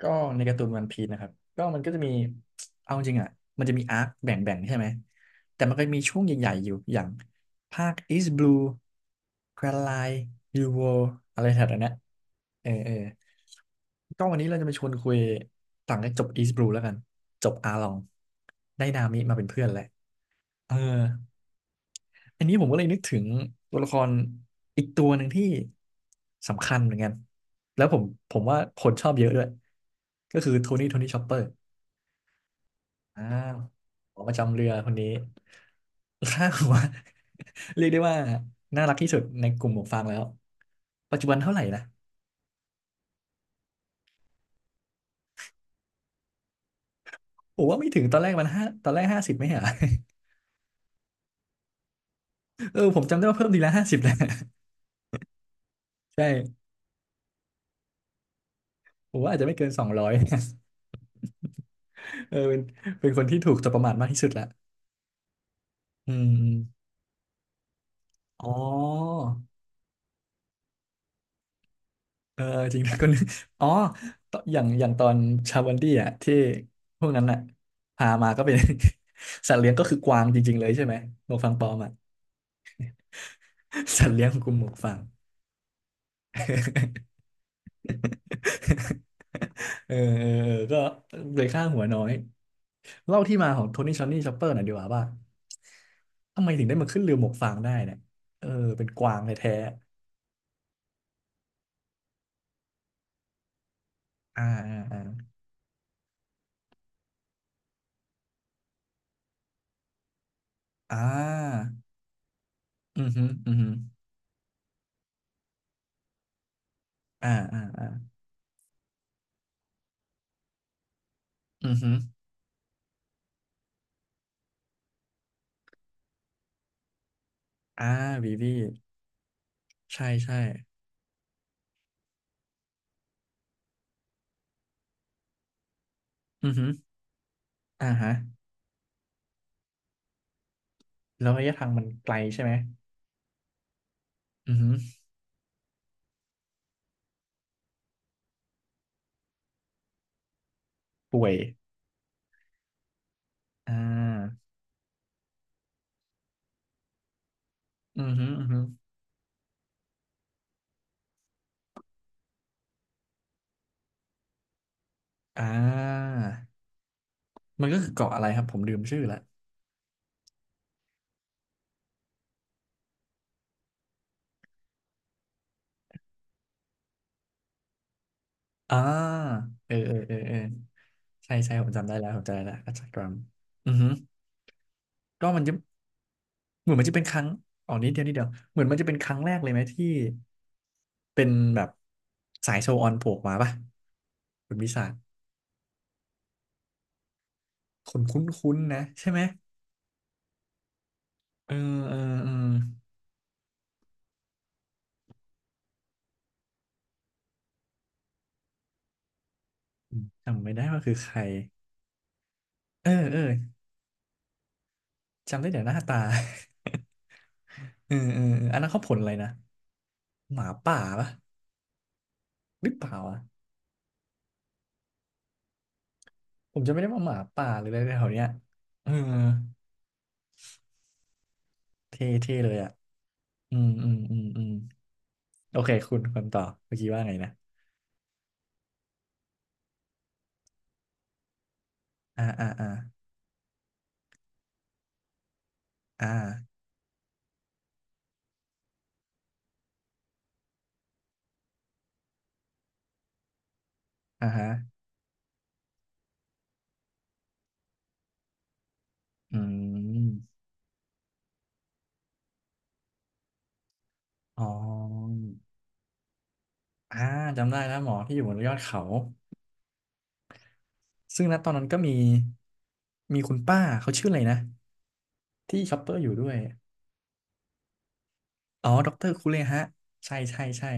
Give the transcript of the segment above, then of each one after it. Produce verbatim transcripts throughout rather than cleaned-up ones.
ก็ในการ์ตูนวันพีซนะครับก็มันก็จะมี เอาจริงอ่ะมันจะมีอาร์คแบ่งๆใช่ไหมแต่มันก็มีช่วงใหญ่ๆอยู่อย่างภาค East Blue Grand Line New World อะไรแถวๆเนี้ยเออเออก็วันนี้เราจะมาชวนคุยต่างจากจบ East Blue แล้วกันจบอาลองได้นามิมาเป็นเพื่อนแหละเออ อันนี้ผมก็เลยนึกถึงตัวละครอีกตัวหนึ่งที่สำคัญเหมือนกันแล้วผมผมว่าคนชอบเยอะด้วยก็คือโทนี่โทนี่ชอปเปอร์อ้าวหมอประจำเรือคนนี้ ค่าหัว เรียกได้ว่าน่ารักที่สุดในกลุ่มหมวกฟางแล้วปัจจุบันเท่าไหร่นะผมว่าไม่ถึงตอนแรกมันห้าตอนแรกห้าสิบไม่เหรอ เออผมจำได้ว่าเพิ่มทีละห้าสิบแหละ ใช่ผมว่าอาจจะไม่เกินสองร้อย เออเป็นเป็นคนที่ถูกจับประมาทมากที่สุดละอืมอมอ๋อ เออจริงนะก็นึก อ๋อตอย่างอย่างตอนชาวันดี้อ่ะที่พวกนั้นอ่ะพามาก็เป็น สัตว์เลี้ยงก็คือกวางจริงๆเลยใช่ไหมหมวกฟางปลอมอ่ะ สัตว์เลี้ยงของกลุ่มหมวกฟาง เออเออเออก็เลยค่าหัวน้อยเล่าที่มาของโทนี่ชอนนี่ชอปเปอร์หน่อยดีกว่าว่าทำไมถึงได้มาขึ้นเรือหมวกฟางได้เนี่ยเออเป็นกวางแท้ๆอ่าอ่าอ่าอ่าอือฮึอือฮึอ่าอ่าอ่าอือฮึอ่าวีวี ใช่ใช่อือฮึอ่าฮะแล้วระยะทางมันไกลใช่ไหมอือฮึป่วยอ่าอือฮึอือฮึอ่ามันก็คือเกาะอะไรครับ ผมลืมชื่อละอ่าเออเออเออเออใช่ใช่ผมจำได้แล้วผมจำได้แล้วอัจฉริยะอือฮึก็มันจะเหมือนมันจะเป็นครั้งอ๋อนิดเดียวนิดเดียวเหมือนมันจะเป็นครั้งแรกเลยไหมที่เป็นแบบสายโชว์ออนโผล่ออกมาป่ะคุณวิสาคุณคุ้นๆนะใช่ไหมเออเออเออ จำไม่ได้ว่าคือใครเออเออจำได้แต่หน้าตา เออเออเอออันนั้นเขาผลอะไรนะหมาป่าปะหรือเปล่าอ่ะผมจะไม่ได้ว่าหมาป่าหรืออะไรแถวเนี้ยเออเท่เท่เลยอ่ะอืมอืมอืมอืมโอเคคุณคุณต่อเมื่อกี้ว่าไงนะอ่าอ่าอ่าอ่าอ่าฮะอืมอ๋ออ่าจำได้แล้วหมอที่อยู่บนยอดเขาซึ่งณตอนนั้นก็มีมีคุณป้าเขาชื่ออะไรนะที่ช็อปเปอร์อยู่ด้วย อ๋อดอกเตอรคุเรฮะใช่ใช่ใช่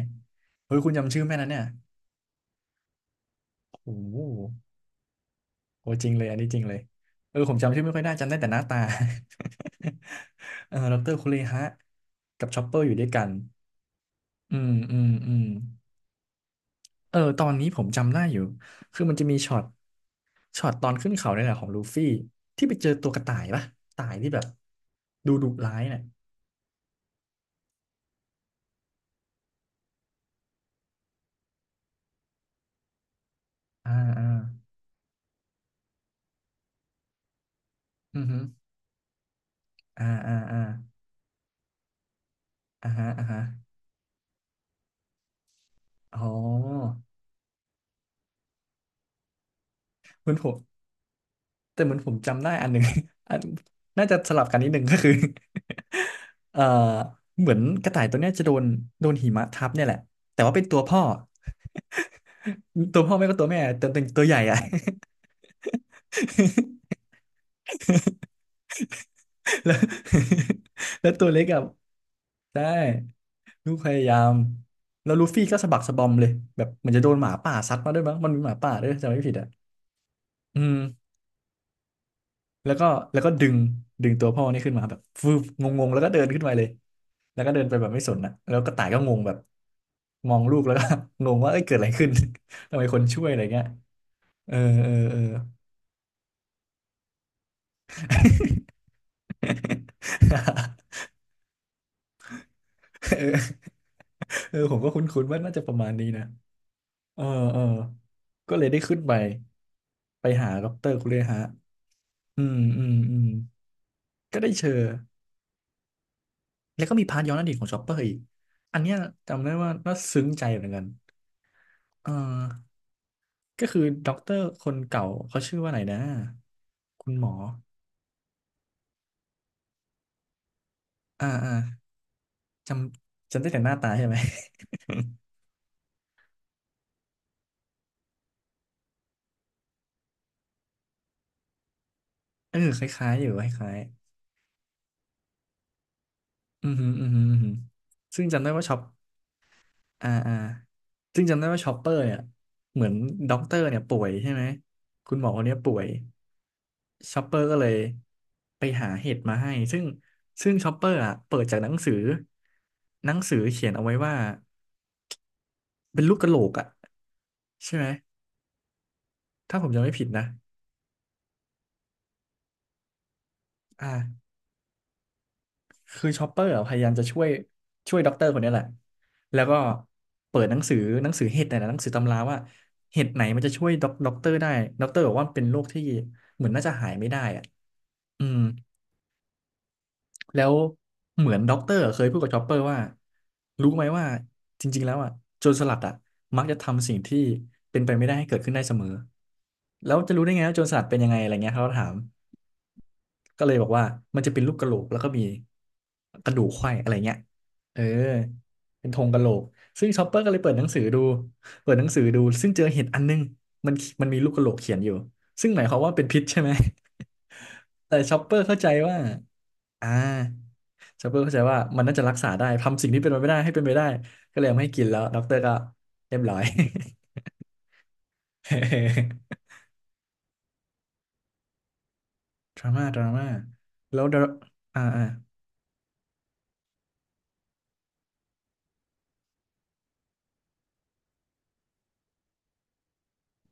เฮ้ยคุณจำชื่อแม่นั้นเนี่ยโอ้โหโอ้จริงเลยอันนี้จริงเลยเออผมจำชื่อไม่ค่อยได้จำได้แต่หน้าตา เออดอกเตอรคุเรฮะกับชอปเปอร์อยู่ด้วยกันอืมอืมอืมเออตอนนี้ผมจำได้อยู่คือมันจะมีช็อตช็อตตอนขึ้นเขาเนี่ยแหละของลูฟี่ที่ไปเจอตัวกระต่ายปะกระต่ายที่แบบดูดุร้ายเนี่ยอ่าอ่าอือฮึอ่าอ่าอ่าอ่าฮะอ่าฮะอ๋อเหมือนผม แต่เหมือนผมจำได้อันหนึ่ง อันน่าจะสลับกันนิดหนึ่ง ก็คือ เอ่อเหมือนกระต่ายตัวเนี้ยจะโดนโดนหิมะทับเนี่ยแหละแต่ว่าเป็นตัวพ่อตัวพ่อไม่ก็ตัวแม่แต่เป็นตัวใหญ่อะ แล้ว แล้วตัวเล็กอะใช่ลูกพยายามแล้วลูฟี่ก็สะบักสะบอมเลยแบบเหมือนจะโดนหมาป่าซัดมาด้วยมั้งมันมีหมาป่าด้วยถ้าจำไม่ผิดอะอืม แล้วก็แล้วก็ดึงดึงตัวพ่อนี่ขึ้นมาแบบฟืบงงๆแล้วก็เดินขึ้นมาเลยแล้วก็เดินไปแบบไม่สนนะแล้วกระต่ายก็งงแบบมองลูกแล้วก็ งงว่าเอ้ยเกิดอะไรขึ้น ทำไมคนช่วยอะไรเงี้ยเออเออเออ เออเออผมก็คุ้นๆว่าน่าจะประมาณนี้นะเออเออก็เลยได้ขึ้นไปไปหาดอกเตอรคุเรฮะอืมอืมอืมก็ได้เจอแล้วก็มีพาร์ทย้อนอดีตของชอปเปอร์อีกอันเนี้ยจำได้ว่าน่าซึ้งใจเหมือนกันเออ ก็คือด็อกเตอร์คนเก่าเขาชื่อว่าอะไรนะคุณหมออ่าอ่าจำจำได้แต่หน้าตาใช่ไหม เออคล้ายๆอยู่คล้ายๆอือหืออือหืออือหือซึ่งจำได้ว่าช็อปอ่าอ่าซึ่งจำได้ว่าช็อปเปอร์เนี่ยเหมือนด็อกเตอร์เนี่ยป่วยใช่ไหมคุณหมอคนเนี้ยป่วยช็อปเปอร์ก็เลยไปหาเห็ดมาให้ซึ่งซึ่งช็อปเปอร์อ่ะเปิดจากหนังสือหนังสือเขียนเอาไว้ว่าเป็นลูกกะโหลกอ่ะใช่ไหมถ้าผมจำไม่ผิดนะอ่า คือชอปเปอร์อะพยายามจะช่วยช่วยด็อกเตอร์คนนี้แหละ แล้วก็เปิดหนังสือหนังสือเห็ดเนี่ยนะหนังสือตำราว่าเห็ดไหนมันจะช่วยด็อกด็อกเตอร์ได้ ด็อกเตอร์บอกว่าเป็นโรคที่เหมือนน่าจะหายไม่ได้อะอืมแล้วเหมือนด็อกเตอร์เคยพูดกับชอปเปอร์ว่ารู้ไหมว่าจริงๆแล้วอ่ะโจรสลัดอ่ะมักจะทำสิ่งที่เป็นไปไม่ได้ให้เกิดขึ้นได้เสมอแล้วจะรู้ได้ไงว่าโจรสลัดเป็นยังไงอะไรเงี้ยเขาก็ถาม ก็เลยบอกว่ามันจะเป็นรูปกะโหลกแล้วก็มีกระดูกไขว้อะไรเงี้ยเออเป็นธงกะโหลกซึ่งชอปเปอร์ก็เลยเปิดหนังสือดูเปิดหนังสือดูซึ่งเจอเห็ดอันนึงมันมันมีลูกกะโหลกเขียนอยู่ซึ่งหมายความว่าเป็นพิษใช่ไหม แต่ชอปเปอร์เข้าใจว่าอ่าชอปเปอร์เข้าใจว่ามันน่าจะรักษาได้ทำสิ่งที่เป็นไปไม่ได้ให้เป็นไปได้ก็เลยเอามาให้กินแล้วด็อกเตอร์ก็เรียบร้อย ดราม่าดราม่าแล้วดราอ่าอ่า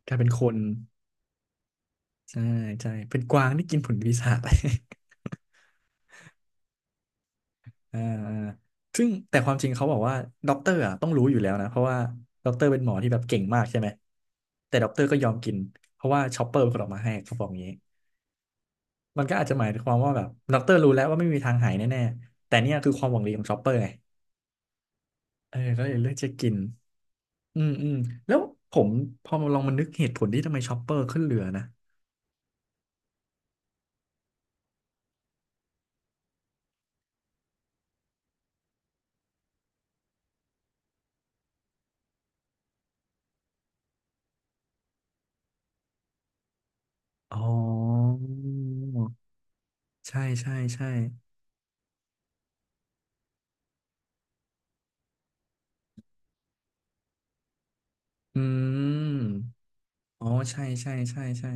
กลายเป็นคน ใช่ใช่เป็นกวางที่กินผลปีศาจ อ่า อ่าซึ่งแต่ความจริงเขาบอกว่าด็อกเตอร์อ่ะต้องรู้อยู่แล้วนะเพราะว่าด็อกเตอร์เป็นหมอที่แบบเก่งมากใช่ไหมแต่ด็อกเตอร์ก็ยอมกินเพราะว่าชอปเปอร์เป็นคนออกมาให้เขาบอกอย่างนี้มันก็อาจจะหมายความว่าแบบด็อกเตอร์รู้แล้วว่าไม่มีทางหายแน่ๆแต่เนี่ยคือความหวังดีของชอปเปอร์ไงเออก็เลยเลือกจะกินอืมอืมแล้วผมพอมาลองมานึกเหตุผลที่ทำไมชอปเปอร์ขึ้นเรือนะอ๋อใช่ใช่ใช่อืม อ๋อใช่ใช่ใช่ใช่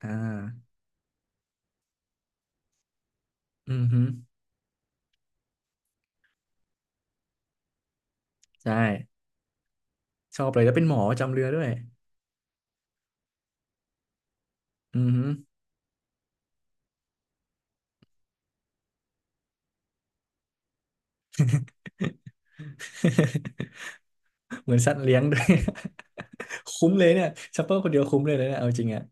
อ่าอือฮึใช่ชอบเลยแล้วเป็นหมอประจำเรือด้วยอือฮึ เหมือนสัตว์เลี้ยงด้วย คุ้มเลยเนี่ยชัปเปอร์คนเดียวคุ้มเลยนะเนี่ยเอาจริงอะ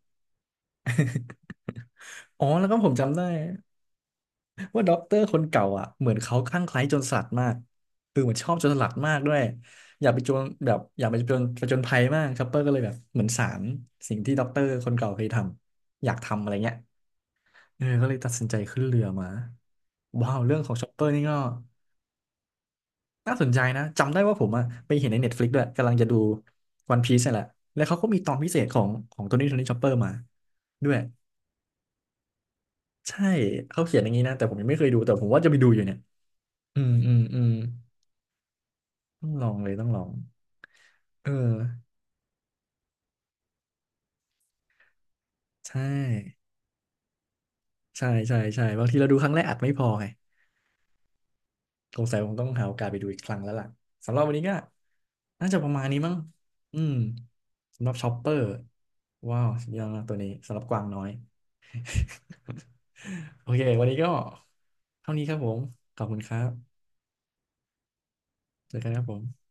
อ๋อแล้วก็ผมจำได้ว่าด็อกเตอร์คนเก่าอ่ะเหมือนเขาคลั่งไคล้โจรสลัดมากคือเหมือนชอบโจรสลัดมากด้วยอยากไปโจรแบบอยากไปโจรผจญภัยมากชัปเปอร์ก็เลยแบบเหมือนสารสิ่งที่ด็อกเตอร์คนเก่าเคยทำอยากทำอะไรเงี้ย เออก็เลยตัดสินใจขึ้นเรือมาว้าวเรื่องของชอปเปอร์นี่ก็น่าสนใจนะจำได้ว่าผมอะไปเห็นใน เน็ตฟลิกซ์ ด้วยกำลังจะดูวันพีซนี่แหละแล้วเขาก็มีตอนพิเศษของของโทนี่โทนี่ชอปเปอร์มาด้วยใช่เขาเขียนอย่างนี้นะแต่ผมยังไม่เคยดูแต่ผมว่าจะไปดูอยู่เนี่ยอืมอืมอืมต้องลองเลยต้องลองเออใช่ใช่ใช่ใช่บางทีเราดูครั้งแรกอาจไม่พอไง สงสัยคงต้องหาโอกาสไปดูอีกครั้งแล้วล่ะสำหรับวันนี้ก็น่าจะประมาณนี้มั้งอืมสำหรับช็อปเปอร์ว้าวสุดยอดมากตัวนี้สำหรับกวางน้อย โอเควันนี้ก็เท่านี้ครับผมขอบคุณครับเจอกันครับผม